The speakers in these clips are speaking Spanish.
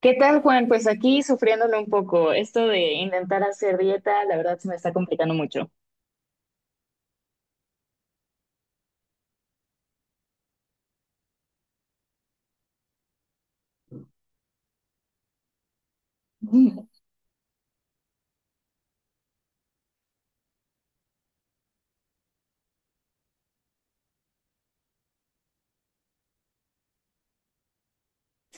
¿Qué tal, Juan? Pues aquí sufriéndolo un poco. Esto de intentar hacer dieta, la verdad se me está complicando mucho.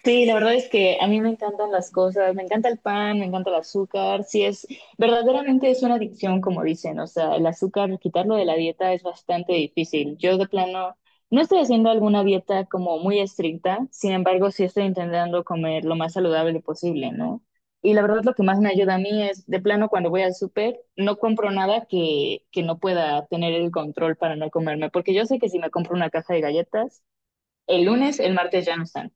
Sí, la verdad es que a mí me encantan las cosas, me encanta el pan, me encanta el azúcar, sí es, verdaderamente es una adicción, como dicen, o sea, el azúcar, quitarlo de la dieta es bastante difícil. Yo de plano no estoy haciendo alguna dieta como muy estricta, sin embargo, sí estoy intentando comer lo más saludable posible, ¿no? Y la verdad lo que más me ayuda a mí es, de plano, cuando voy al súper, no compro nada que no pueda tener el control para no comerme, porque yo sé que si me compro una caja de galletas, el lunes, el martes ya no están.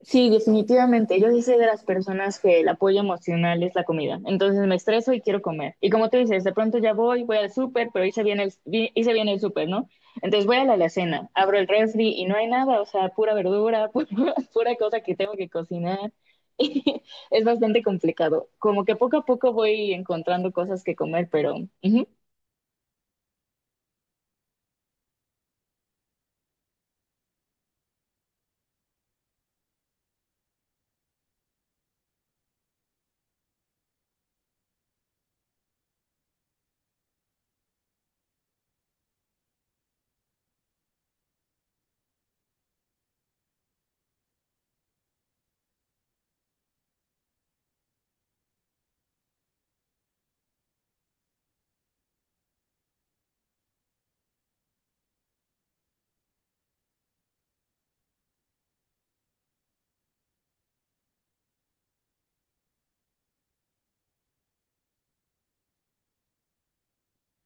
Sí, definitivamente. Yo sí soy de las personas que el apoyo emocional es la comida. Entonces me estreso y quiero comer. Y como tú dices, de pronto ya voy, voy al súper, pero hice bien el súper, ¿no? Entonces voy a la alacena, abro el refri y no hay nada, o sea, pura verdura, pura, pura cosa que tengo que cocinar. Y es bastante complicado. Como que poco a poco voy encontrando cosas que comer, pero ujú.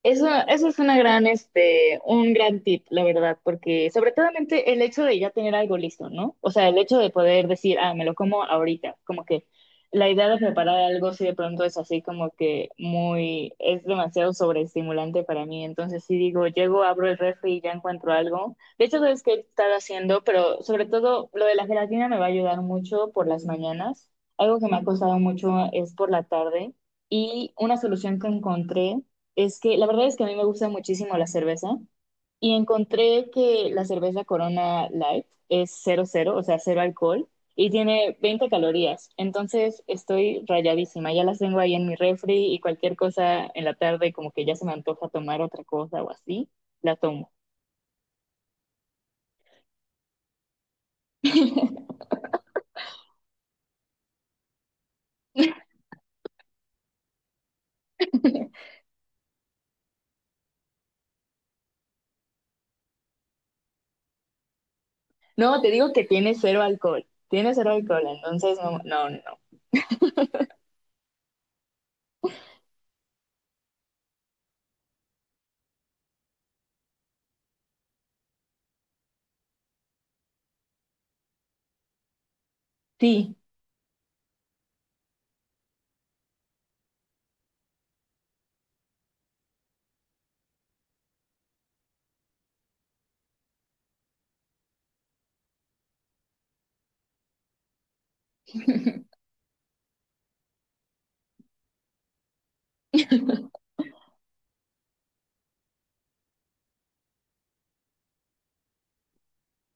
Eso es una gran, este, un gran tip, la verdad, porque sobre todo el hecho de ya tener algo listo, ¿no? O sea, el hecho de poder decir, ah, me lo como ahorita, como que la idea de preparar algo si de pronto es así como que muy, es demasiado sobreestimulante para mí, entonces sí digo, llego, abro el refri y ya encuentro algo. De hecho, sabes qué estar haciendo, pero sobre todo lo de la gelatina me va a ayudar mucho por las mañanas. Algo que me ha costado mucho es por la tarde y una solución que encontré es que la verdad es que a mí me gusta muchísimo la cerveza y encontré que la cerveza Corona Light es cero cero, o sea, cero alcohol y tiene 20 calorías. Entonces estoy rayadísima, ya las tengo ahí en mi refri y cualquier cosa en la tarde como que ya se me antoja tomar otra cosa o así, la tomo. No, te digo que tiene cero alcohol, entonces no, no, no. Sí.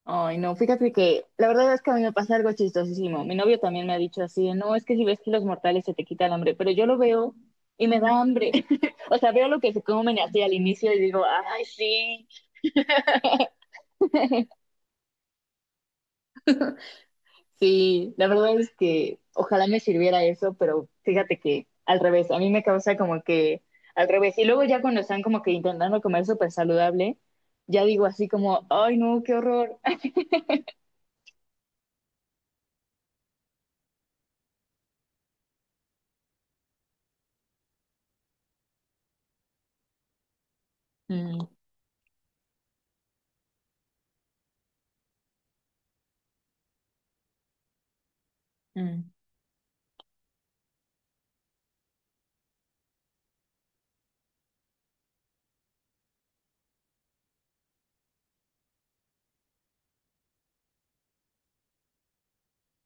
Ay, no, fíjate que la verdad es que a mí me pasa algo chistosísimo. Mi novio también me ha dicho así, de, no, es que si ves que los mortales se te quita el hambre, pero yo lo veo y me da hambre. O sea, veo lo que se comen así al inicio y digo, ay, sí, sí, la verdad es que ojalá me sirviera eso, pero fíjate que al revés, a mí me causa como que al revés. Y luego ya cuando están como que intentando comer súper saludable, ya digo así como, ay, no, qué horror. Mm, mm,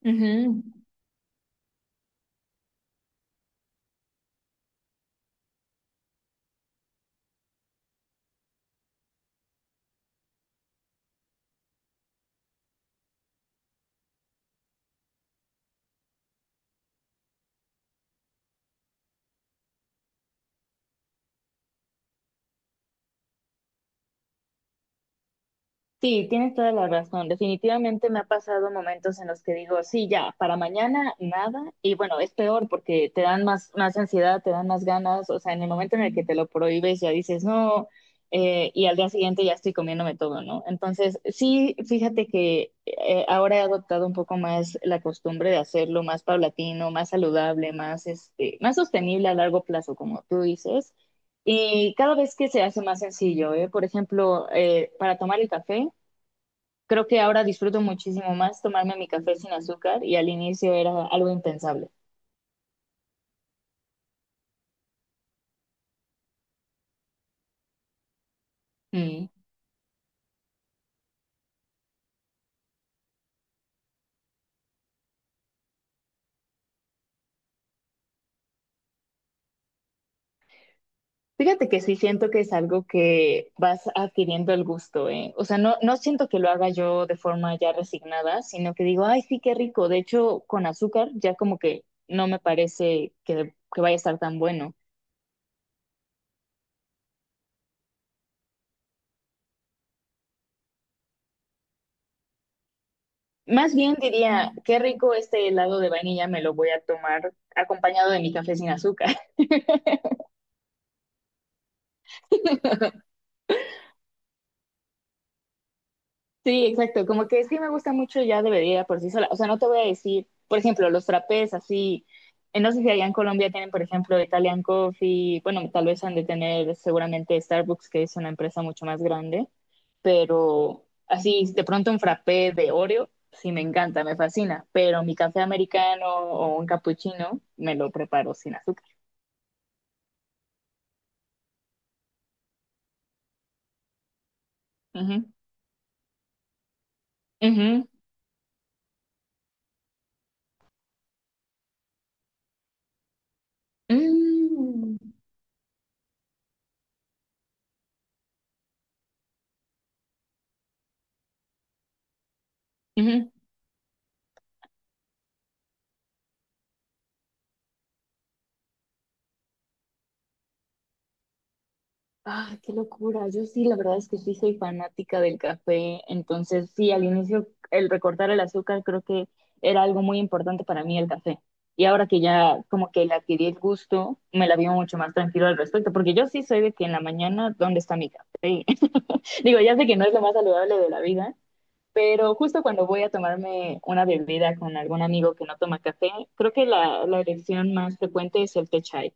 ujú. Sí, tienes toda la razón. Definitivamente me ha pasado momentos en los que digo, sí, ya, para mañana nada. Y bueno, es peor porque te dan más, más ansiedad, te dan más ganas. O sea, en el momento en el que te lo prohíbes, ya dices, no, y al día siguiente ya estoy comiéndome todo, ¿no? Entonces, sí, fíjate que ahora he adoptado un poco más la costumbre de hacerlo más paulatino, más saludable, más, este, más sostenible a largo plazo, como tú dices. Y cada vez que se hace más sencillo, ¿eh? Por ejemplo, para tomar el café. Creo que ahora disfruto muchísimo más tomarme mi café sin azúcar y al inicio era algo impensable. Mm. Fíjate que sí siento que es algo que vas adquiriendo el gusto, ¿eh? O sea, no, no siento que lo haga yo de forma ya resignada, sino que digo, ay, sí, qué rico. De hecho, con azúcar ya como que no me parece que vaya a estar tan bueno. Más bien diría, qué rico este helado de vainilla, me lo voy a tomar acompañado de mi café sin azúcar. Sí, exacto, como que sí me gusta mucho ya debería por sí sola, o sea, no te voy a decir, por ejemplo, los trapés así, no sé si allá en Colombia tienen, por ejemplo, Italian Coffee, bueno, tal vez han de tener seguramente Starbucks, que es una empresa mucho más grande, pero así, de pronto un frappé de Oreo, sí me encanta, me fascina, pero mi café americano o un cappuccino me lo preparo sin azúcar. Ujú, ujú, mm, ujú. Ah, qué locura. Yo sí, la verdad es que sí soy fanática del café. Entonces, sí, al inicio el recortar el azúcar creo que era algo muy importante para mí el café. Y ahora que ya como que le adquirí el gusto, me la vivo mucho más tranquilo al respecto, porque yo sí soy de que en la mañana, ¿dónde está mi café? Digo, ya sé que no es lo más saludable de la vida, pero justo cuando voy a tomarme una bebida con algún amigo que no toma café, creo que la elección más frecuente es el té chai.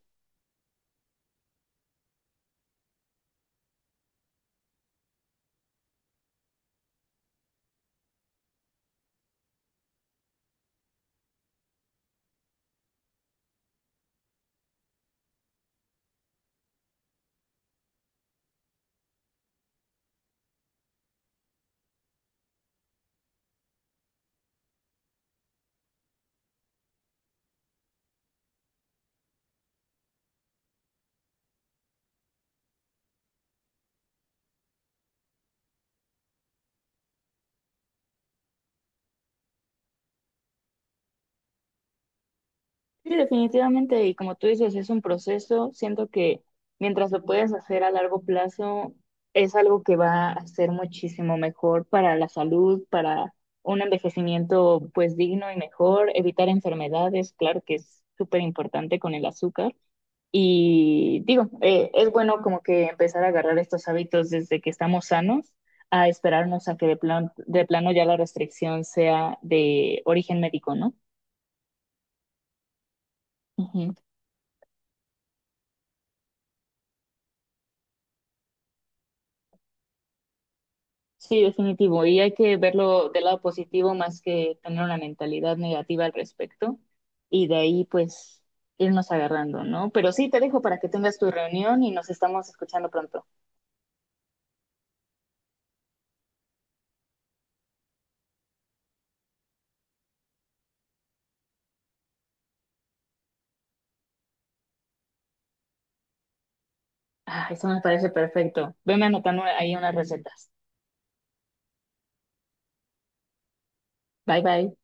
Sí, definitivamente, y como tú dices, es un proceso. Siento que mientras lo puedas hacer a largo plazo, es algo que va a ser muchísimo mejor para la salud, para un envejecimiento pues digno y mejor, evitar enfermedades, claro que es súper importante con el azúcar. Y digo, es bueno como que empezar a agarrar estos hábitos desde que estamos sanos, a esperarnos a que de plano ya la restricción sea de origen médico, ¿no? Sí, definitivo. Y hay que verlo del lado positivo más que tener una mentalidad negativa al respecto. Y de ahí, pues, irnos agarrando, ¿no? Pero sí, te dejo para que tengas tu reunión y nos estamos escuchando pronto. Ah, eso me parece perfecto. Veme anotando ahí unas recetas. Bye, bye.